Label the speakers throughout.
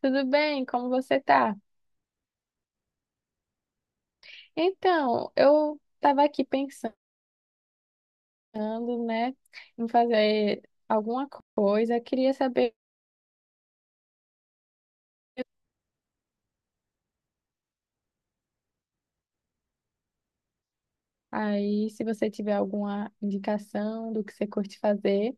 Speaker 1: Tudo bem? Como você tá? Então, eu estava aqui pensando, né, em fazer alguma coisa. Queria saber aí se você tiver alguma indicação do que você curte fazer.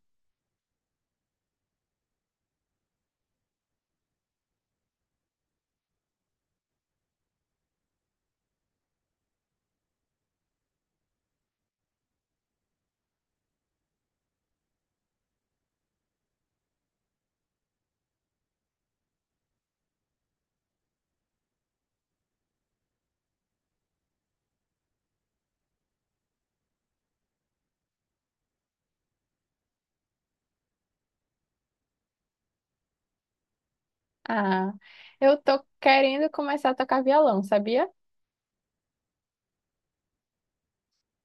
Speaker 1: Ah, eu tô querendo começar a tocar violão, sabia?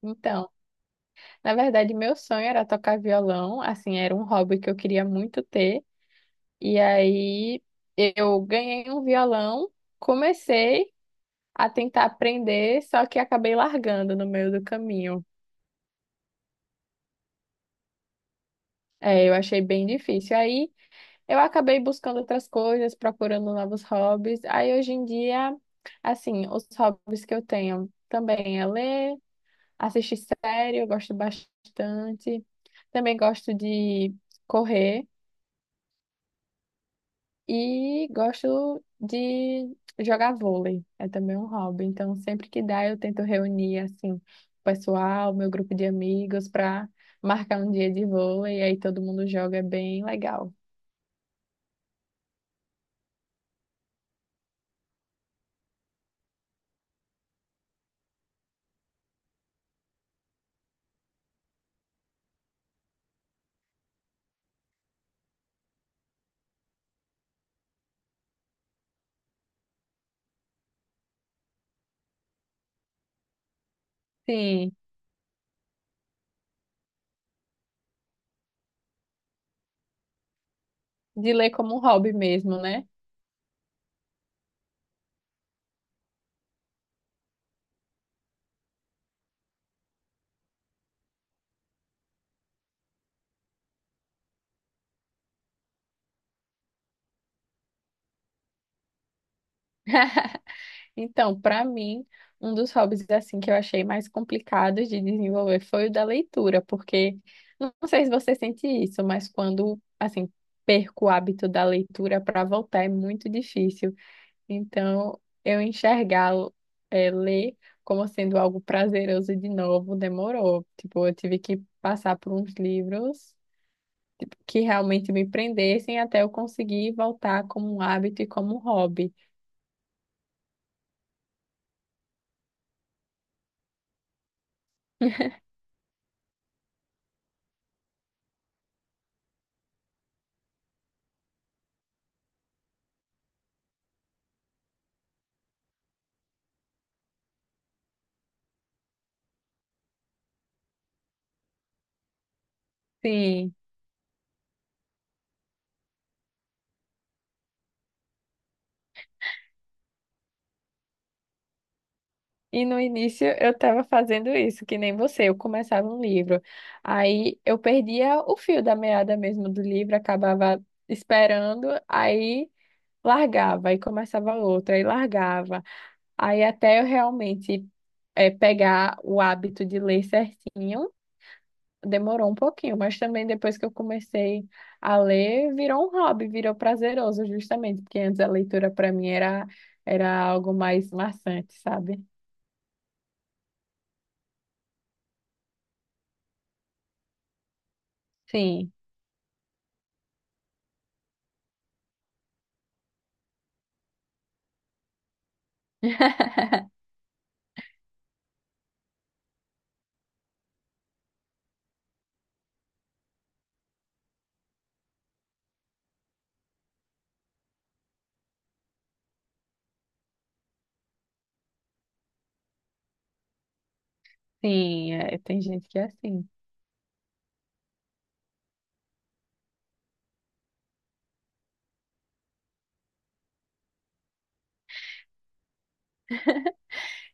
Speaker 1: Então, na verdade, meu sonho era tocar violão, assim, era um hobby que eu queria muito ter. E aí eu ganhei um violão, comecei a tentar aprender, só que acabei largando no meio do caminho. É, eu achei bem difícil. Aí eu acabei buscando outras coisas, procurando novos hobbies. Aí hoje em dia, assim, os hobbies que eu tenho também é ler, assistir série, eu gosto bastante. Também gosto de correr. E gosto de jogar vôlei, é também um hobby. Então, sempre que dá, eu tento reunir assim, o pessoal, meu grupo de amigos, para marcar um dia de vôlei. Aí todo mundo joga, é bem legal. Sim, de ler como um hobby mesmo, né? Então, para mim, um dos hobbies assim que eu achei mais complicados de desenvolver foi o da leitura, porque não sei se você sente isso, mas quando assim perco o hábito da leitura para voltar é muito difícil. Então, eu enxergá-lo, ler como sendo algo prazeroso e de novo demorou. Tipo, eu tive que passar por uns livros, tipo, que realmente me prendessem até eu conseguir voltar como um hábito e como um hobby. Sim. E no início eu estava fazendo isso, que nem você, eu começava um livro. Aí eu perdia o fio da meada mesmo do livro, acabava esperando, aí largava, aí começava outro, aí largava. Aí até eu realmente pegar o hábito de ler certinho, demorou um pouquinho, mas também depois que eu comecei a ler, virou um hobby, virou prazeroso, justamente, porque antes a leitura para mim era algo mais maçante, sabe? Sim. Sim, é, tem gente que é assim.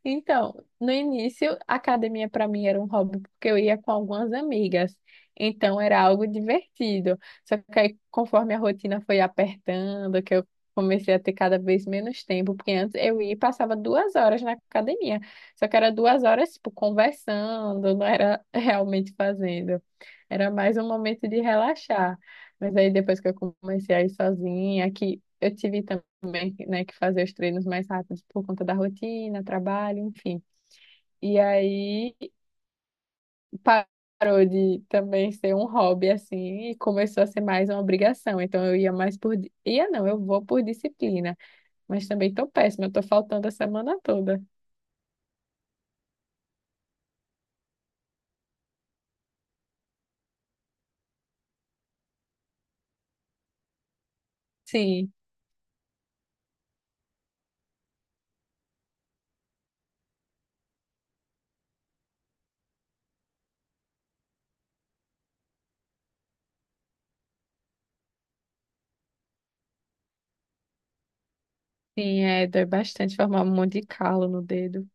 Speaker 1: Então, no início, a academia para mim era um hobby porque eu ia com algumas amigas. Então era algo divertido. Só que aí, conforme a rotina foi apertando, que eu comecei a ter cada vez menos tempo, porque antes eu ia e passava 2 horas na academia. Só que era 2 horas, tipo, conversando, não era realmente fazendo. Era mais um momento de relaxar. Mas aí depois que eu comecei a ir sozinha, que eu tive também, né, que fazer os treinos mais rápidos por conta da rotina, trabalho, enfim. E aí parou de também ser um hobby assim e começou a ser mais uma obrigação. Então eu ia mais por ia não, eu vou por disciplina, mas também tô péssima, eu tô faltando a semana toda. Sim, sim, é, dói bastante formar um monte de calo no dedo.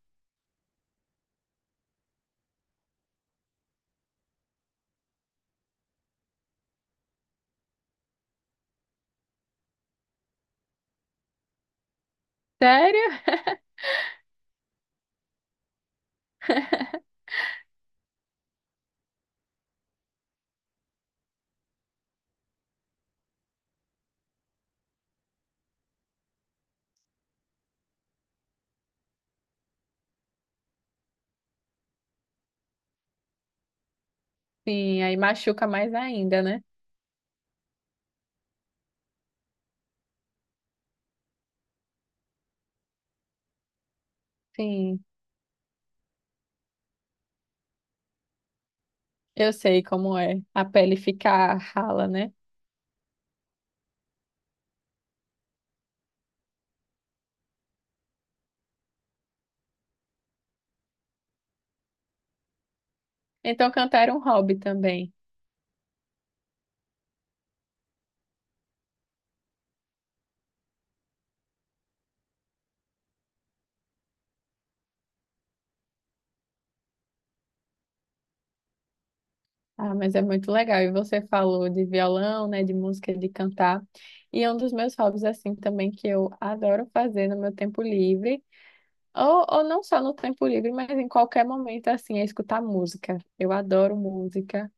Speaker 1: Sério? Sim, aí machuca mais ainda, né? Sim, eu sei como é a pele ficar rala, né? Então cantar era um hobby também. Ah, mas é muito legal. E você falou de violão, né, de música, de cantar. E é um dos meus hobbies, assim, também que eu adoro fazer no meu tempo livre, ou não só no tempo livre, mas em qualquer momento, assim, é escutar música. Eu adoro música,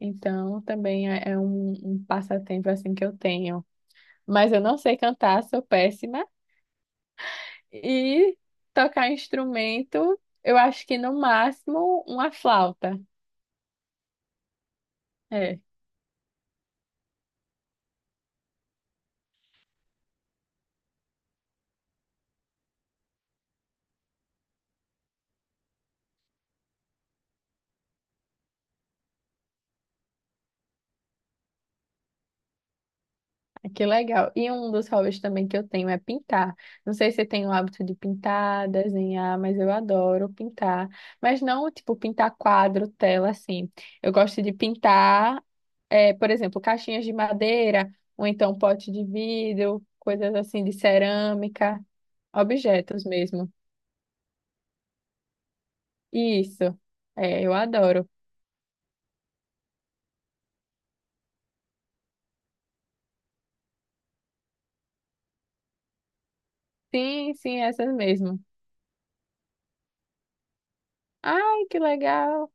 Speaker 1: então também é um passatempo, assim, que eu tenho. Mas eu não sei cantar, sou péssima. E tocar instrumento, eu acho que no máximo uma flauta. É. Que legal. E um dos hobbies também que eu tenho é pintar. Não sei se tem o hábito de pintar, desenhar, mas eu adoro pintar. Mas não, tipo, pintar quadro, tela, assim. Eu gosto de pintar, por exemplo, caixinhas de madeira, ou então pote de vidro, coisas assim de cerâmica, objetos mesmo. Isso. É, eu adoro. Sim, sim, essas mesmo. Ai, que legal.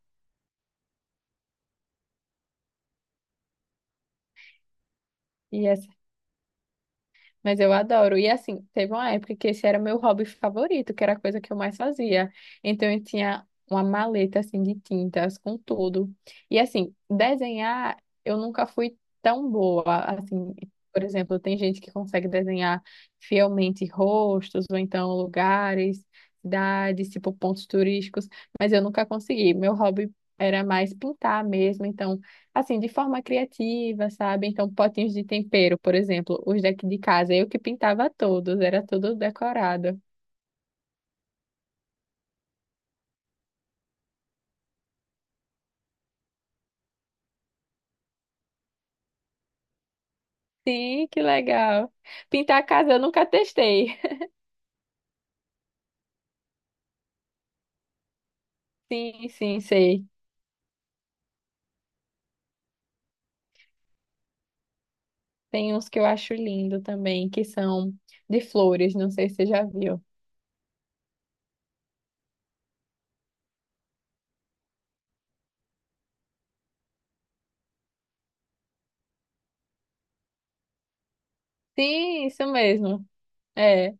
Speaker 1: E é Mas eu adoro. E assim, teve uma época que esse era meu hobby favorito, que era a coisa que eu mais fazia. Então eu tinha uma maleta assim de tintas com tudo. E assim, desenhar eu nunca fui tão boa. Assim, por exemplo, tem gente que consegue desenhar fielmente rostos ou então lugares, cidades, tipo pontos turísticos, mas eu nunca consegui. Meu hobby era mais pintar mesmo, então assim, de forma criativa, sabe? Então, potinhos de tempero, por exemplo, os daqui de casa, eu que pintava todos, era tudo decorado. Sim, que legal. Pintar a casa eu nunca testei. Sim, sim, sei. Tem uns que eu acho lindo também, que são de flores, não sei se você já viu. Sim, isso mesmo. É,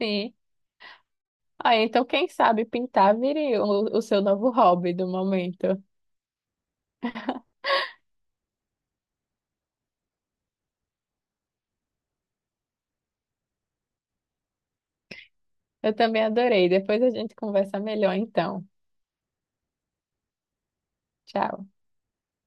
Speaker 1: sim. Ah, então quem sabe pintar vire o seu novo hobby do momento. Eu também adorei. Depois a gente conversa melhor então. Tchau.